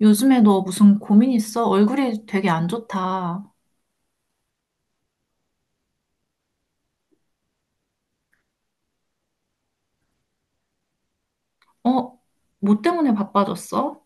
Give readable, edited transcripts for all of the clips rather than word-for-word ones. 요즘에 너 무슨 고민 있어? 얼굴이 되게 안 좋다. 어? 뭐 때문에 바빠졌어?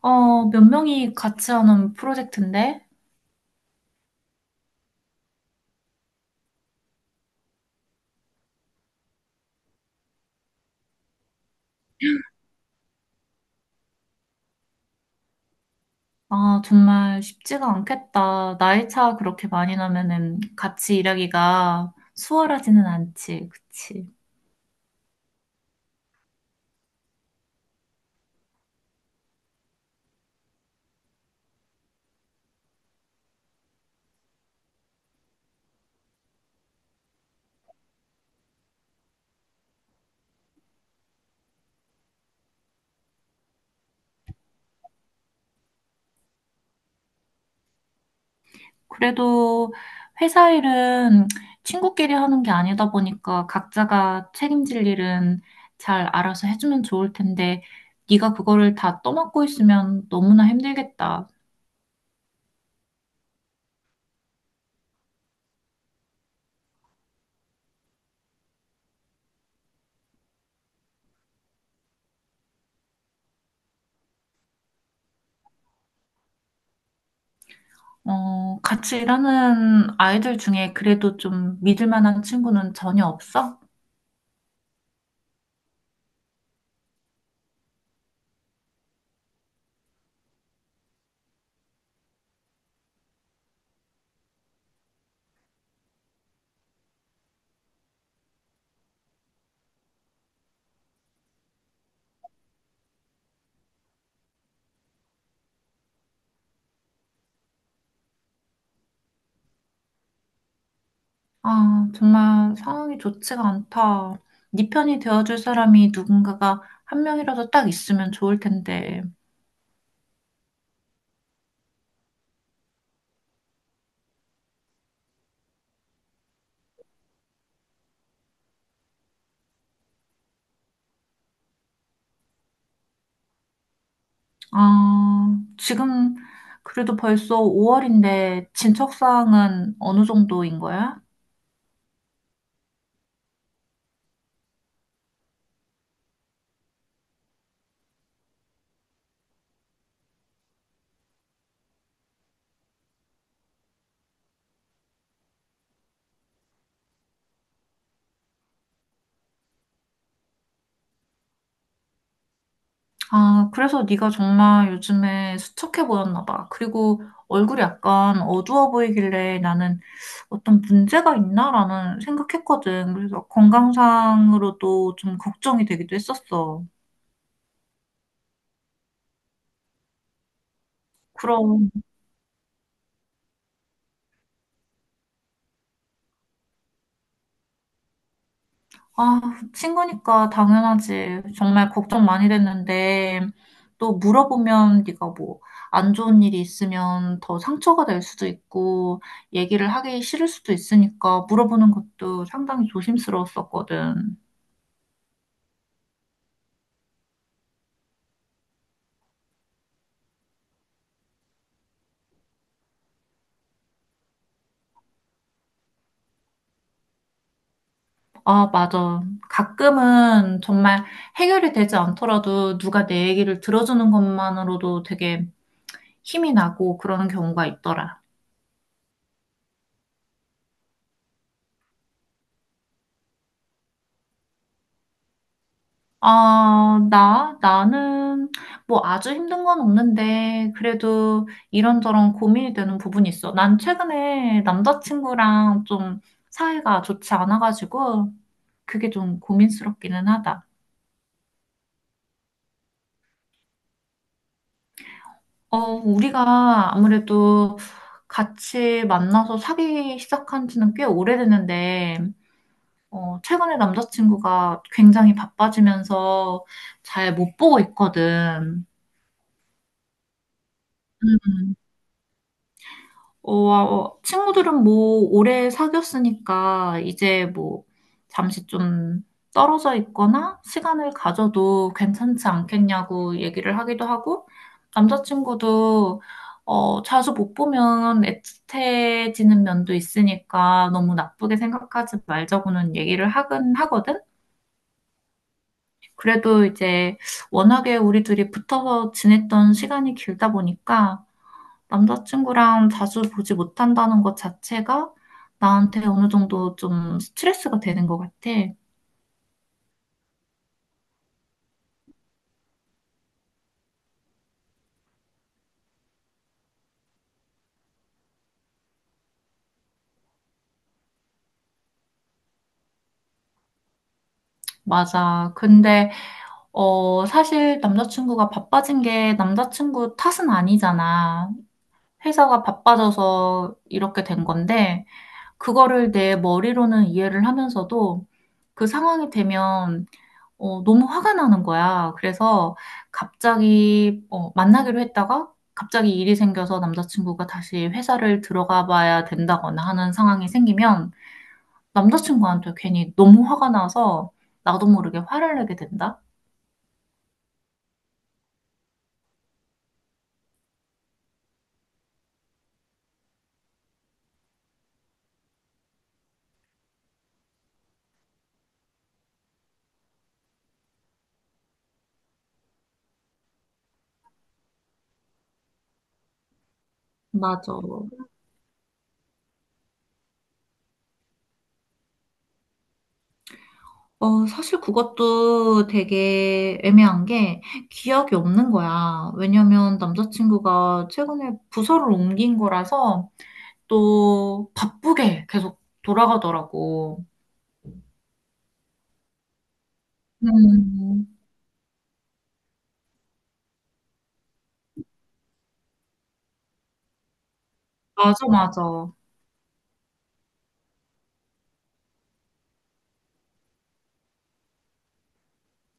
어, 몇 명이 같이 하는 프로젝트인데? 아, 정말 쉽지가 않겠다. 나이 차 그렇게 많이 나면은 같이 일하기가 수월하지는 않지. 그치? 그래도 회사 일은 친구끼리 하는 게 아니다 보니까 각자가 책임질 일은 잘 알아서 해주면 좋을 텐데, 네가 그거를 다 떠맡고 있으면 너무나 힘들겠다. 어, 같이 일하는 아이들 중에 그래도 좀 믿을 만한 친구는 전혀 없어? 아, 정말 상황이 좋지가 않다. 네 편이 되어줄 사람이 누군가가 한 명이라도 딱 있으면 좋을 텐데. 아, 지금 그래도 벌써 5월인데 진척 사항은 어느 정도인 거야? 아, 그래서 네가 정말 요즘에 수척해 보였나 봐. 그리고 얼굴이 약간 어두워 보이길래 나는 어떤 문제가 있나라는 생각했거든. 그래서 건강상으로도 좀 걱정이 되기도 했었어. 그럼, 아, 친구니까 당연하지. 정말 걱정 많이 됐는데 또 물어보면 네가 뭐 안 좋은 일이 있으면 더 상처가 될 수도 있고 얘기를 하기 싫을 수도 있으니까 물어보는 것도 상당히 조심스러웠었거든. 아, 맞아. 가끔은 정말 해결이 되지 않더라도 누가 내 얘기를 들어주는 것만으로도 되게 힘이 나고 그러는 경우가 있더라. 아, 나는 뭐 아주 힘든 건 없는데 그래도 이런저런 고민이 되는 부분이 있어. 난 최근에 남자친구랑 좀 사이가 좋지 않아가지고 그게 좀 고민스럽기는 하다. 어, 우리가 아무래도 같이 만나서 사귀기 시작한 지는 꽤 오래됐는데, 어, 최근에 남자친구가 굉장히 바빠지면서 잘 못 보고 있거든. 음. 어, 친구들은 뭐 오래 사귀었으니까 이제 뭐 잠시 좀 떨어져 있거나 시간을 가져도 괜찮지 않겠냐고 얘기를 하기도 하고 남자친구도 어, 자주 못 보면 애틋해지는 면도 있으니까 너무 나쁘게 생각하지 말자고는 얘기를 하긴 하거든. 그래도 이제 워낙에 우리 둘이 붙어서 지냈던 시간이 길다 보니까 남자친구랑 자주 보지 못한다는 것 자체가 나한테 어느 정도 좀 스트레스가 되는 것 같아. 맞아. 근데, 어, 사실 남자친구가 바빠진 게 남자친구 탓은 아니잖아. 회사가 바빠져서 이렇게 된 건데, 그거를 내 머리로는 이해를 하면서도 그 상황이 되면 어, 너무 화가 나는 거야. 그래서 갑자기 어, 만나기로 했다가 갑자기 일이 생겨서 남자친구가 다시 회사를 들어가 봐야 된다거나 하는 상황이 생기면 남자친구한테 괜히 너무 화가 나서 나도 모르게 화를 내게 된다? 맞아. 어, 사실 그것도 되게 애매한 게 기억이 없는 거야. 왜냐면 남자친구가 최근에 부서를 옮긴 거라서 또 바쁘게 계속 돌아가더라고. 음, 맞아, 맞아,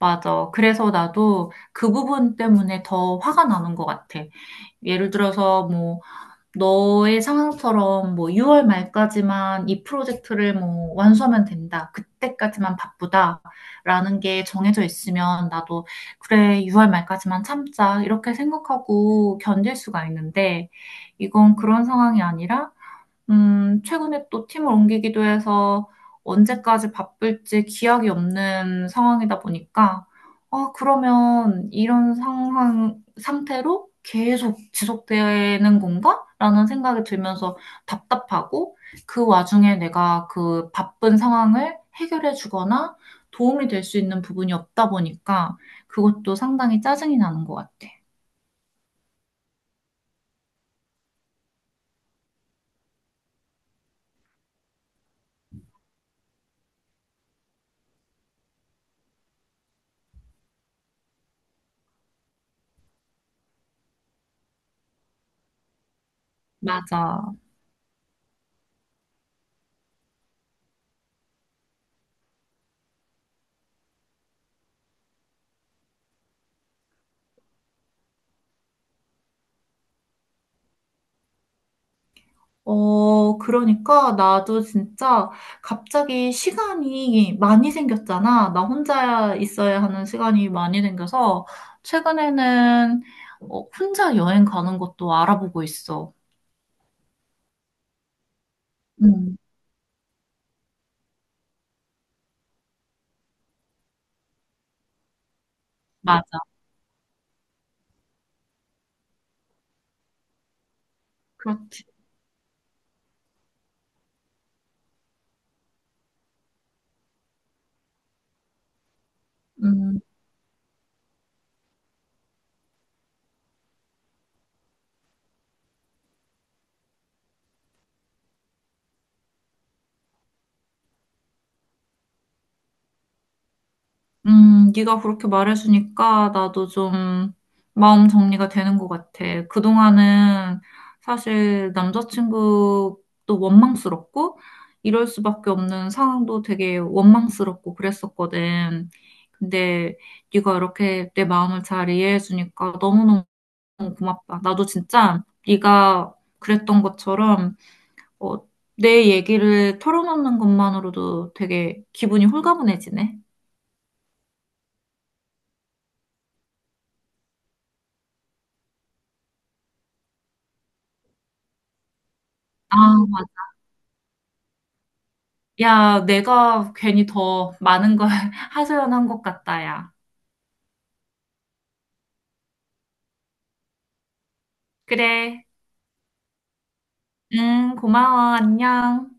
맞아. 그래서 나도 그 부분 때문에 더 화가 나는 것 같아. 예를 들어서 뭐 너의 상황처럼 뭐 6월 말까지만 이 프로젝트를 뭐 완수하면 된다. 그때까지만 바쁘다라는 게 정해져 있으면 나도 그래, 6월 말까지만 참자. 이렇게 생각하고 견딜 수가 있는데 이건 그런 상황이 아니라 최근에 또 팀을 옮기기도 해서 언제까지 바쁠지 기약이 없는 상황이다 보니까, 아, 그러면 이런 상황, 상태로 계속 지속되는 건가? 라는 생각이 들면서 답답하고, 그 와중에 내가 그 바쁜 상황을 해결해 주거나 도움이 될 수 있는 부분이 없다 보니까, 그것도 상당히 짜증이 나는 것 같아. 맞아. 어, 그러니까 나도 진짜 갑자기 시간이 많이 생겼잖아. 나 혼자 있어야 하는 시간이 많이 생겨서 최근에는 어, 혼자 여행 가는 것도 알아보고 있어. 음, 맞아. 그렇지. 음. 네가 그렇게 말해주니까 나도 좀 마음 정리가 되는 것 같아. 그동안은 사실 남자친구도 원망스럽고 이럴 수밖에 없는 상황도 되게 원망스럽고 그랬었거든. 근데 네가 이렇게 내 마음을 잘 이해해주니까 너무너무 고맙다. 나도 진짜 네가 그랬던 것처럼 어, 내 얘기를 털어놓는 것만으로도 되게 기분이 홀가분해지네. 아, 야, 내가 괜히 더 많은 걸 하소연한 것 같다, 야. 그래. 응, 고마워. 안녕.